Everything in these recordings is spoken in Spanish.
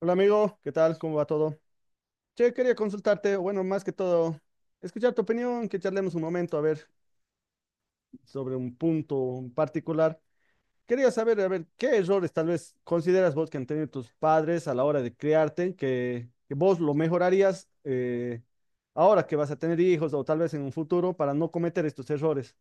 Hola amigo, ¿qué tal? ¿Cómo va todo? Che, quería consultarte, o bueno, más que todo, escuchar tu opinión, que charlemos un momento, a ver, sobre un punto en particular. Quería saber, a ver, ¿qué errores tal vez consideras vos que han tenido tus padres a la hora de criarte, que vos lo mejorarías ahora que vas a tener hijos o tal vez en un futuro para no cometer estos errores?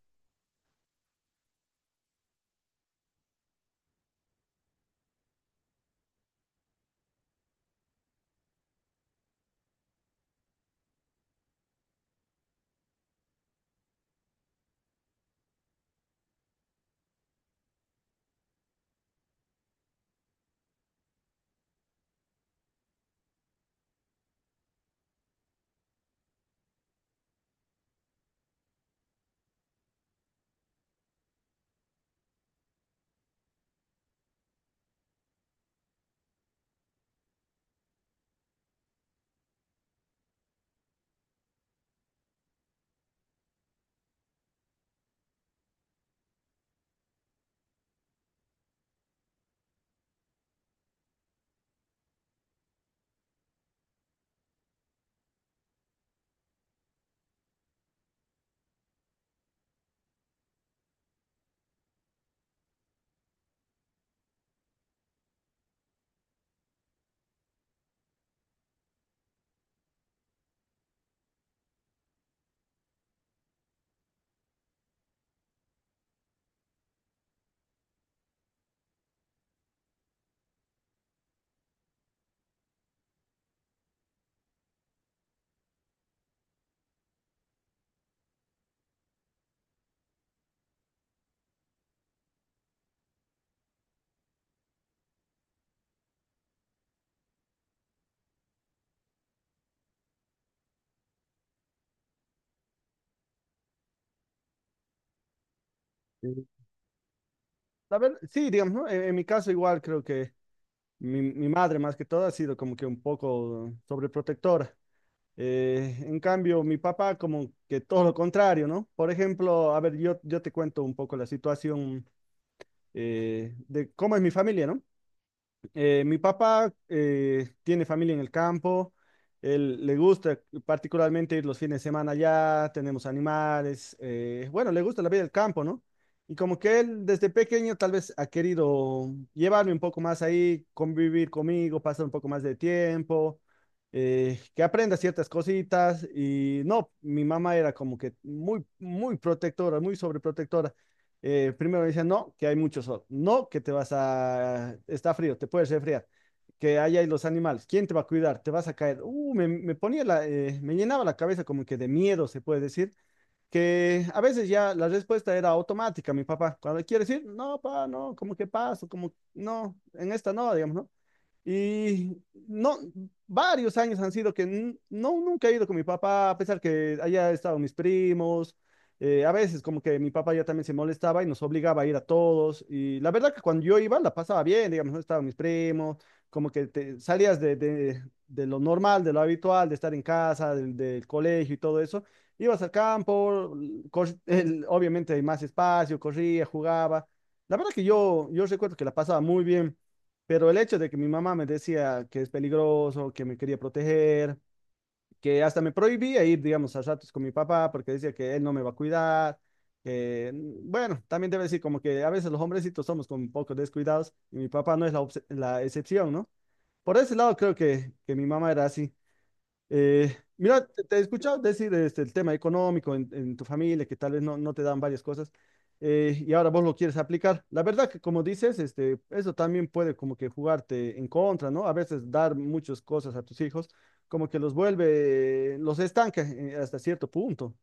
Sí. A ver, sí, digamos, ¿no? En mi caso igual creo que mi madre más que todo ha sido como que un poco sobreprotectora. En cambio, mi papá como que todo lo contrario, ¿no? Por ejemplo, a ver, yo te cuento un poco la situación de cómo es mi familia, ¿no? Mi papá tiene familia en el campo, él le gusta particularmente ir los fines de semana allá, tenemos animales, bueno, le gusta la vida del campo, ¿no? Y como que él desde pequeño tal vez ha querido llevarme un poco más ahí, convivir conmigo, pasar un poco más de tiempo, que aprenda ciertas cositas y no, mi mamá era como que muy, muy protectora, muy sobreprotectora. Primero me decían, no, que hay mucho sol, no, que te vas a, está frío, te puedes resfriar, que ahí hay los animales, ¿quién te va a cuidar? Te vas a caer. Me ponía la, me llenaba la cabeza como que de miedo, se puede decir, que a veces ya la respuesta era automática, mi papá. Cuando quiere decir, no, papá, no, como que paso, como no, en esta no, digamos, ¿no? Y no, varios años han sido que no, nunca he ido con mi papá, a pesar que haya estado mis primos. A veces como que mi papá ya también se molestaba y nos obligaba a ir a todos. Y la verdad que cuando yo iba la pasaba bien, digamos, no estaban mis primos, como que te, salías de lo normal, de lo habitual, de estar en casa, del colegio y todo eso. Ibas al campo, obviamente hay más espacio, corría, jugaba. La verdad que yo recuerdo que la pasaba muy bien, pero el hecho de que mi mamá me decía que es peligroso, que me quería proteger, que hasta me prohibía ir, digamos, a ratos con mi papá porque decía que él no me va a cuidar. Que, mm, bueno, también debe decir como que a veces los hombrecitos somos como un poco descuidados y mi papá no es la la excepción, ¿no? Por ese lado creo que mi mamá era así. Mira, te he escuchado decir este, el tema económico en tu familia, que tal vez no, no te dan varias cosas, y ahora vos lo quieres aplicar. La verdad que como dices, este, eso también puede como que jugarte en contra, ¿no? A veces dar muchas cosas a tus hijos, como que los vuelve, los estanca hasta cierto punto.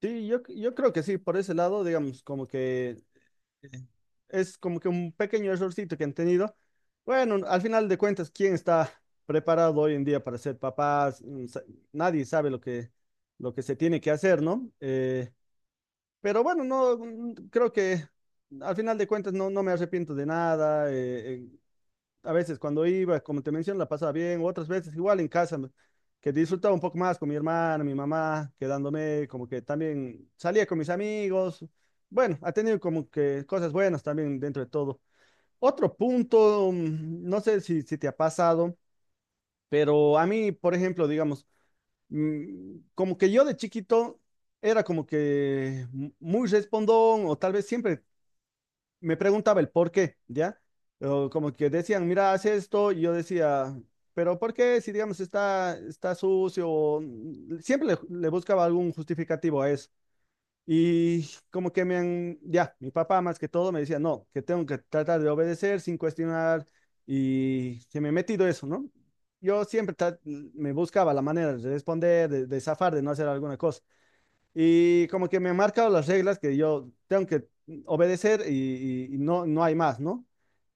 Sí, yo creo que sí, por ese lado, digamos, como que es como que un pequeño errorcito que han tenido. Bueno, al final de cuentas, ¿quién está preparado hoy en día para ser papás? Mm, nadie sabe lo que se tiene que hacer, ¿no? Pero bueno, no, mm, creo que al final de cuentas no, no me arrepiento de nada. A veces cuando iba, como te menciono, la pasaba bien, otras veces igual en casa, que disfrutaba un poco más con mi hermana, mi mamá, quedándome como que también salía con mis amigos. Bueno, ha tenido como que cosas buenas también dentro de todo. Otro punto, mm, no sé si te ha pasado, pero a mí, por ejemplo, digamos, mm, como que yo de chiquito era como que muy respondón o tal vez siempre me preguntaba el por qué, ¿ya? O como que decían, mira, haz esto, y yo decía, pero ¿por qué? Si, digamos, está sucio, siempre le buscaba algún justificativo a eso. Y como que me han, ya, mi papá más que todo me decía, no, que tengo que tratar de obedecer sin cuestionar, y se me ha metido eso, ¿no? Yo siempre me buscaba la manera de responder, de zafar, de no hacer alguna cosa. Y como que me han marcado las reglas que yo tengo que obedecer y no, no hay más, ¿no?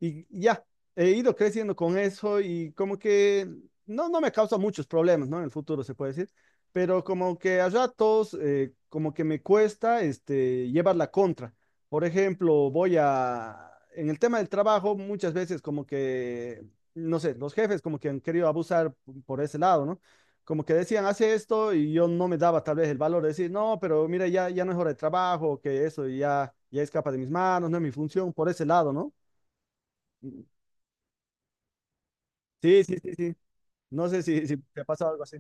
Y ya, he ido creciendo con eso y como que no, no me causa muchos problemas, ¿no? En el futuro se puede decir, pero como que a ratos, como que me cuesta este, llevar la contra. Por ejemplo, voy a, en el tema del trabajo, muchas veces como que, no sé, los jefes como que han querido abusar por ese lado, ¿no? Como que decían, hace esto y yo no me daba tal vez el valor de decir, no, pero mira, ya no es hora de trabajo, que eso ya escapa de mis manos, no es mi función, por ese lado, ¿no? Sí, sí, sí, sí. No sé si te ha pasado algo así.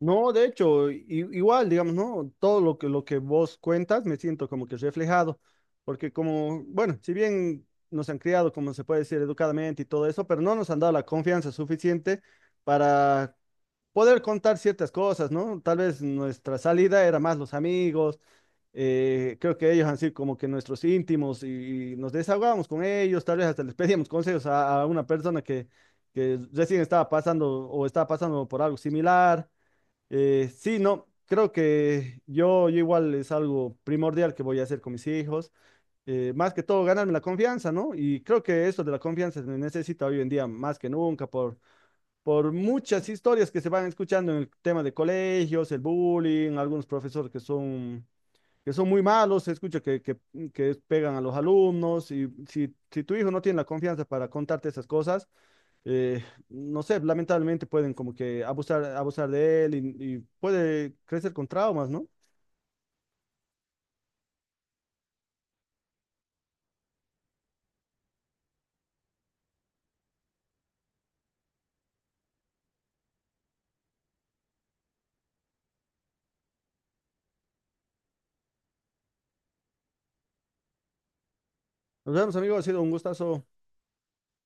No, de hecho, igual, digamos, ¿no? Todo lo que vos cuentas me siento como que reflejado, porque como, bueno, si bien nos han criado, como se puede decir, educadamente y todo eso, pero no nos han dado la confianza suficiente para poder contar ciertas cosas, ¿no? Tal vez nuestra salida era más los amigos, creo que ellos han sido como que nuestros íntimos y nos desahogábamos con ellos, tal vez hasta les pedíamos consejos a una persona que recién estaba pasando o estaba pasando por algo similar. Sí, no, creo que yo igual es algo primordial que voy a hacer con mis hijos, más que todo ganarme la confianza, ¿no? Y creo que eso de la confianza se necesita hoy en día más que nunca por por muchas historias que se van escuchando en el tema de colegios, el bullying, algunos profesores que son muy malos, se escucha que pegan a los alumnos y si, si tu hijo no tiene la confianza para contarte esas cosas, eh, no sé, lamentablemente pueden como que abusar, abusar de él y puede crecer con traumas, ¿no? Nos vemos, amigos, ha sido un gustazo.